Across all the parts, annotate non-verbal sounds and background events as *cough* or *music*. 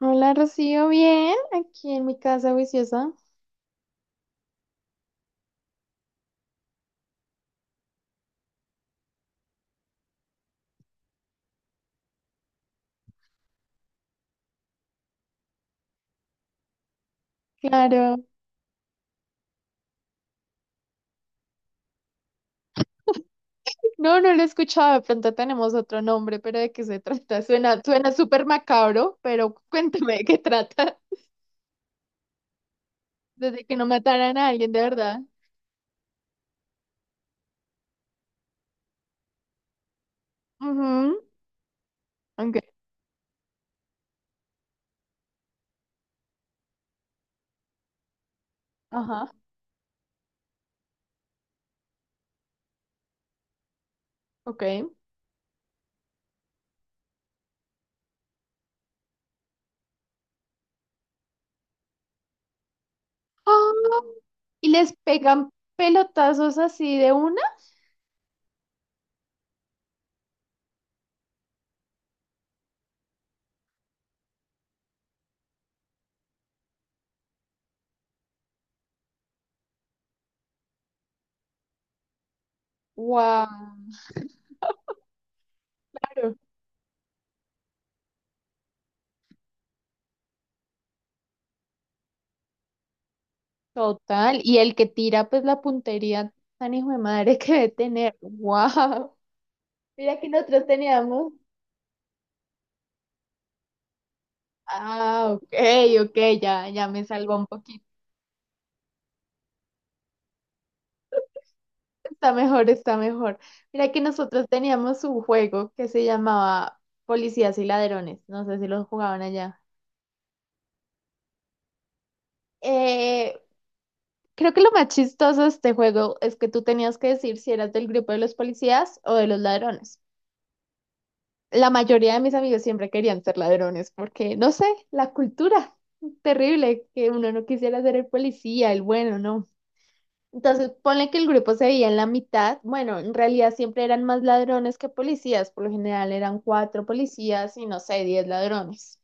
Hola Rocío, bien, aquí en mi casa viciosa. Claro. No, no lo he escuchado, de pronto tenemos otro nombre, pero ¿de qué se trata? Suena, suena súper macabro, pero cuéntame de qué trata. *laughs* Desde que no mataran a alguien, de verdad. Ujú, ok, ajá, ok. Ah, y les pegan pelotazos así de una. Wow. Claro. Total. Y el que tira, pues la puntería tan hijo de madre que debe tener. Wow. Mira que nosotros teníamos. Ah, ok, ok, ya, ya me salvó un poquito. Está mejor, está mejor. Mira que nosotros teníamos un juego que se llamaba Policías y Ladrones. No sé si lo jugaban allá. Eh, creo que lo más chistoso de este juego es que tú tenías que decir si eras del grupo de los policías o de los ladrones. La mayoría de mis amigos siempre querían ser ladrones porque, no sé, la cultura terrible que uno no quisiera ser el policía, el bueno, ¿no? Entonces, ponle que el grupo se veía en la mitad. Bueno, en realidad siempre eran más ladrones que policías. Por lo general eran 4 policías y no sé, 10 ladrones.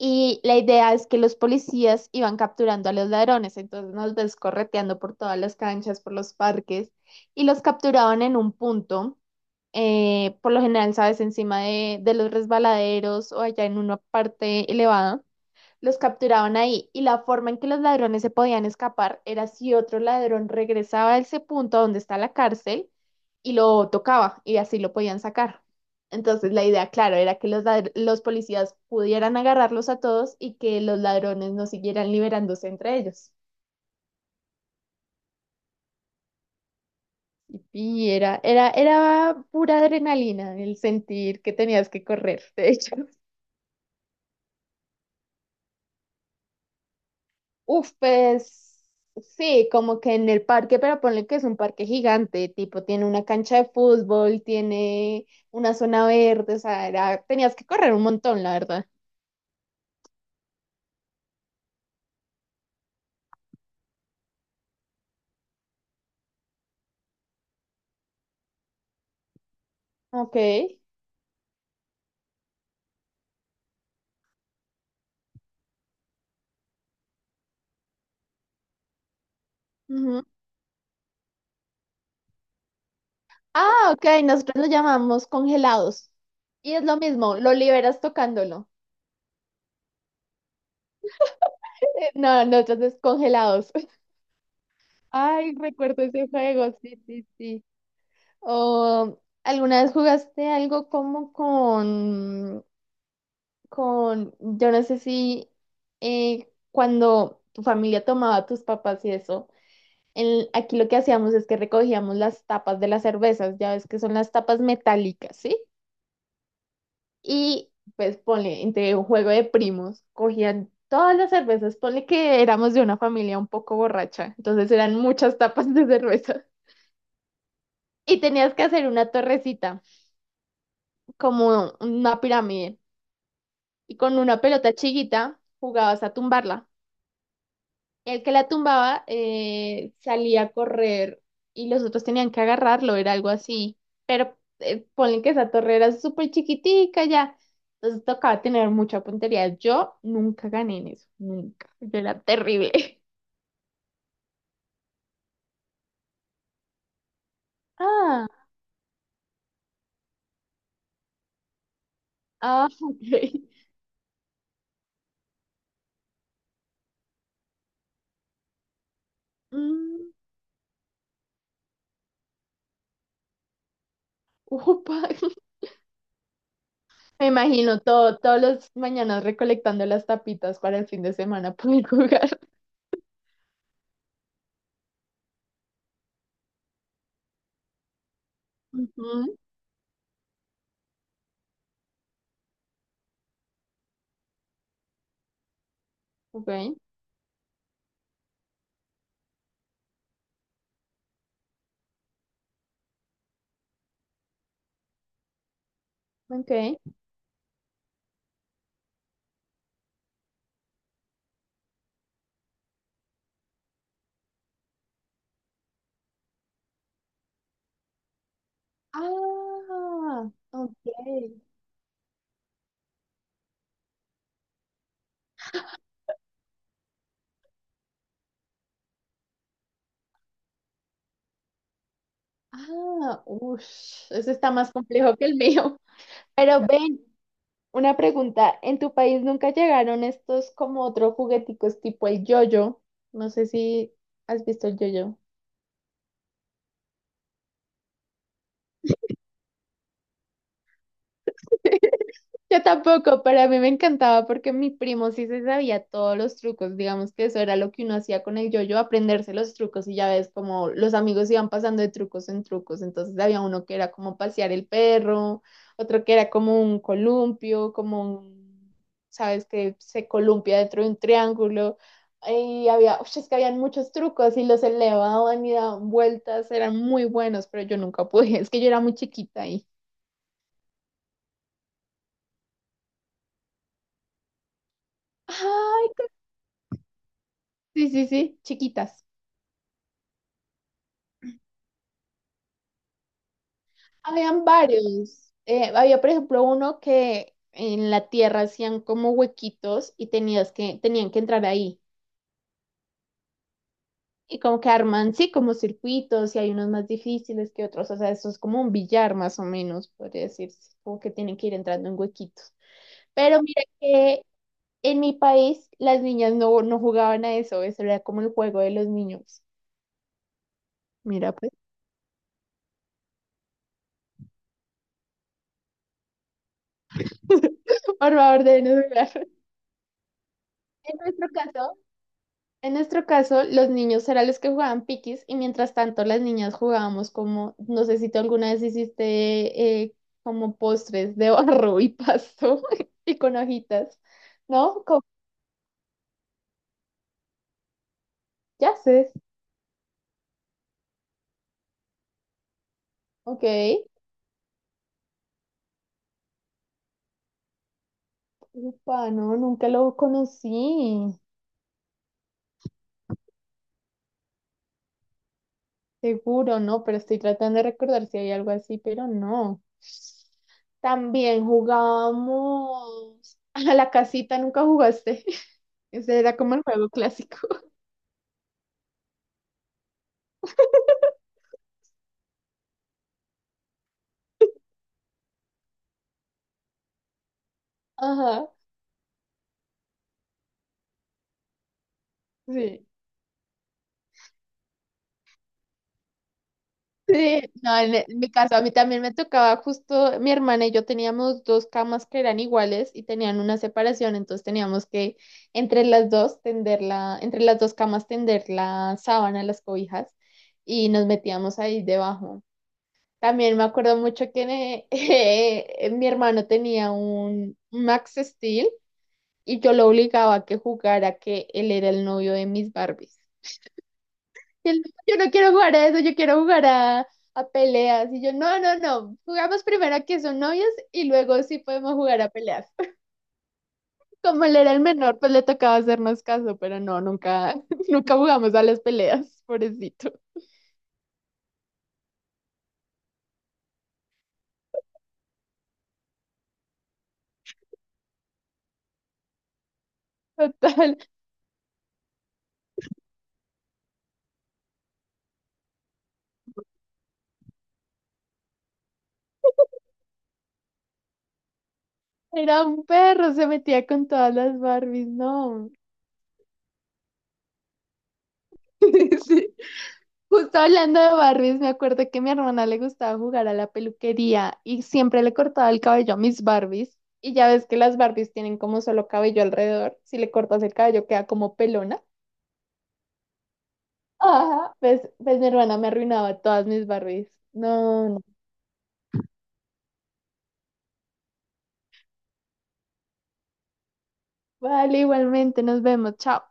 Y la idea es que los policías iban capturando a los ladrones. Entonces nos ves correteando por todas las canchas, por los parques y los capturaban en un punto. Por lo general, sabes, encima de los resbaladeros o allá en una parte elevada. Los capturaban ahí y la forma en que los ladrones se podían escapar era si otro ladrón regresaba a ese punto donde está la cárcel y lo tocaba y así lo podían sacar. Entonces la idea, claro, era que los, los policías pudieran agarrarlos a todos y que los ladrones no siguieran liberándose entre ellos. Era pura adrenalina el sentir que tenías que correr, de hecho. Uf, pues sí, como que en el parque, pero ponle que es un parque gigante, tipo, tiene una cancha de fútbol, tiene una zona verde, o sea, tenías que correr un montón, la verdad. Ok, ujú. Ah, ok, nosotros lo llamamos congelados. Y es lo mismo, lo liberas tocándolo. *laughs* No, nosotros es congelados. *laughs* Ay, recuerdo ese juego, sí, sí, sí. O, ¿alguna vez jugaste algo como con, yo no sé si cuando tu familia tomaba tus papas y eso, aquí lo que hacíamos es que recogíamos las tapas de las cervezas, ya ves que son las tapas metálicas, ¿sí? Y pues ponle, entre un juego de primos, cogían todas las cervezas, ponle que éramos de una familia un poco borracha, entonces eran muchas tapas de cerveza. *laughs* Y tenías que hacer una torrecita, como una pirámide, y con una pelota chiquita jugabas a tumbarla. El que la tumbaba salía a correr y los otros tenían que agarrarlo, era algo así. Pero ponle que esa torre era súper chiquitica ya. Entonces tocaba tener mucha puntería. Yo nunca gané en eso, nunca. Yo era terrible. *laughs* Ah, ah, ok. Mm, upa. *laughs* Me imagino todo, todos los mañanas recolectando las tapitas para el fin de semana poder jugar. *laughs* Ujú, ok, ok. Ah, ok. Ah, uff, eso está más complejo que el mío. Pero ven, una pregunta, ¿en tu país nunca llegaron estos como otros jugueticos tipo el yoyo? No sé si has visto el yoyo. Yo tampoco, pero a mí me encantaba porque mi primo sí se sabía todos los trucos, digamos que eso era lo que uno hacía con el yo-yo, aprenderse los trucos y ya ves como los amigos iban pasando de trucos en trucos, entonces había uno que era como pasear el perro, otro que era como un columpio, como un, sabes, que se columpia dentro de un triángulo, y había, ush, es que habían muchos trucos y los elevaban y daban vueltas, eran muy buenos, pero yo nunca pude, *laughs* es que yo era muy chiquita ahí. Ay, sí, sí, sí, chiquitas. Habían varios. Había, por ejemplo, uno que en la tierra hacían como huequitos y tenías que, tenían que entrar ahí. Y como que arman, sí, como circuitos y hay unos más difíciles que otros. O sea, eso es como un billar más o menos, podría decirse. Como que tienen que ir entrando en huequitos. Pero mira que en mi país las niñas no, no jugaban a eso. Eso era como el juego de los niños. Mira, pues, *laughs* por favor, deben jugar. *laughs* En nuestro caso. En nuestro caso, los niños eran los que jugaban piquis y mientras tanto las niñas jugábamos como, no sé si tú alguna vez hiciste como postres de *laughs* barro y pasto *laughs* y con hojitas, ¿no? Como, ya sé, ok. Upa, no, nunca lo conocí, seguro, ¿no? Pero estoy tratando de recordar si hay algo así, pero no. También jugábamos *laughs* a la casita, nunca jugaste. *laughs* Ese era como el juego clásico. *laughs* Ajá, sí. Sí, no, en mi caso, a mí también me tocaba justo, mi hermana y yo teníamos dos camas que eran iguales y tenían una separación, entonces teníamos que entre las dos tender la, entre las dos camas tender la sábana, las cobijas, y nos metíamos ahí debajo. También me acuerdo mucho que eh, *laughs* mi hermano tenía un Max Steel y yo lo obligaba a que jugara que él era el novio de mis Barbies. Y él, yo no quiero jugar a eso, yo quiero jugar a peleas. Y yo, no, no, no, jugamos primero a que son novios y luego sí podemos jugar a peleas. *laughs* Como él era el menor, pues le tocaba hacernos caso, pero no, nunca, *laughs* nunca jugamos a las peleas, pobrecito. Total, era un perro, se metía con todas las Barbies, no. *laughs* Sí. Justo hablando de Barbies, me acuerdo que a mi hermana le gustaba jugar a la peluquería y siempre le cortaba el cabello a mis Barbies. Y ya ves que las Barbies tienen como solo cabello alrededor. Si le cortas el cabello queda como pelona. Ajá, pues, pues mi hermana me arruinaba todas mis Barbies. No, no. Vale, igualmente, nos vemos. Chao.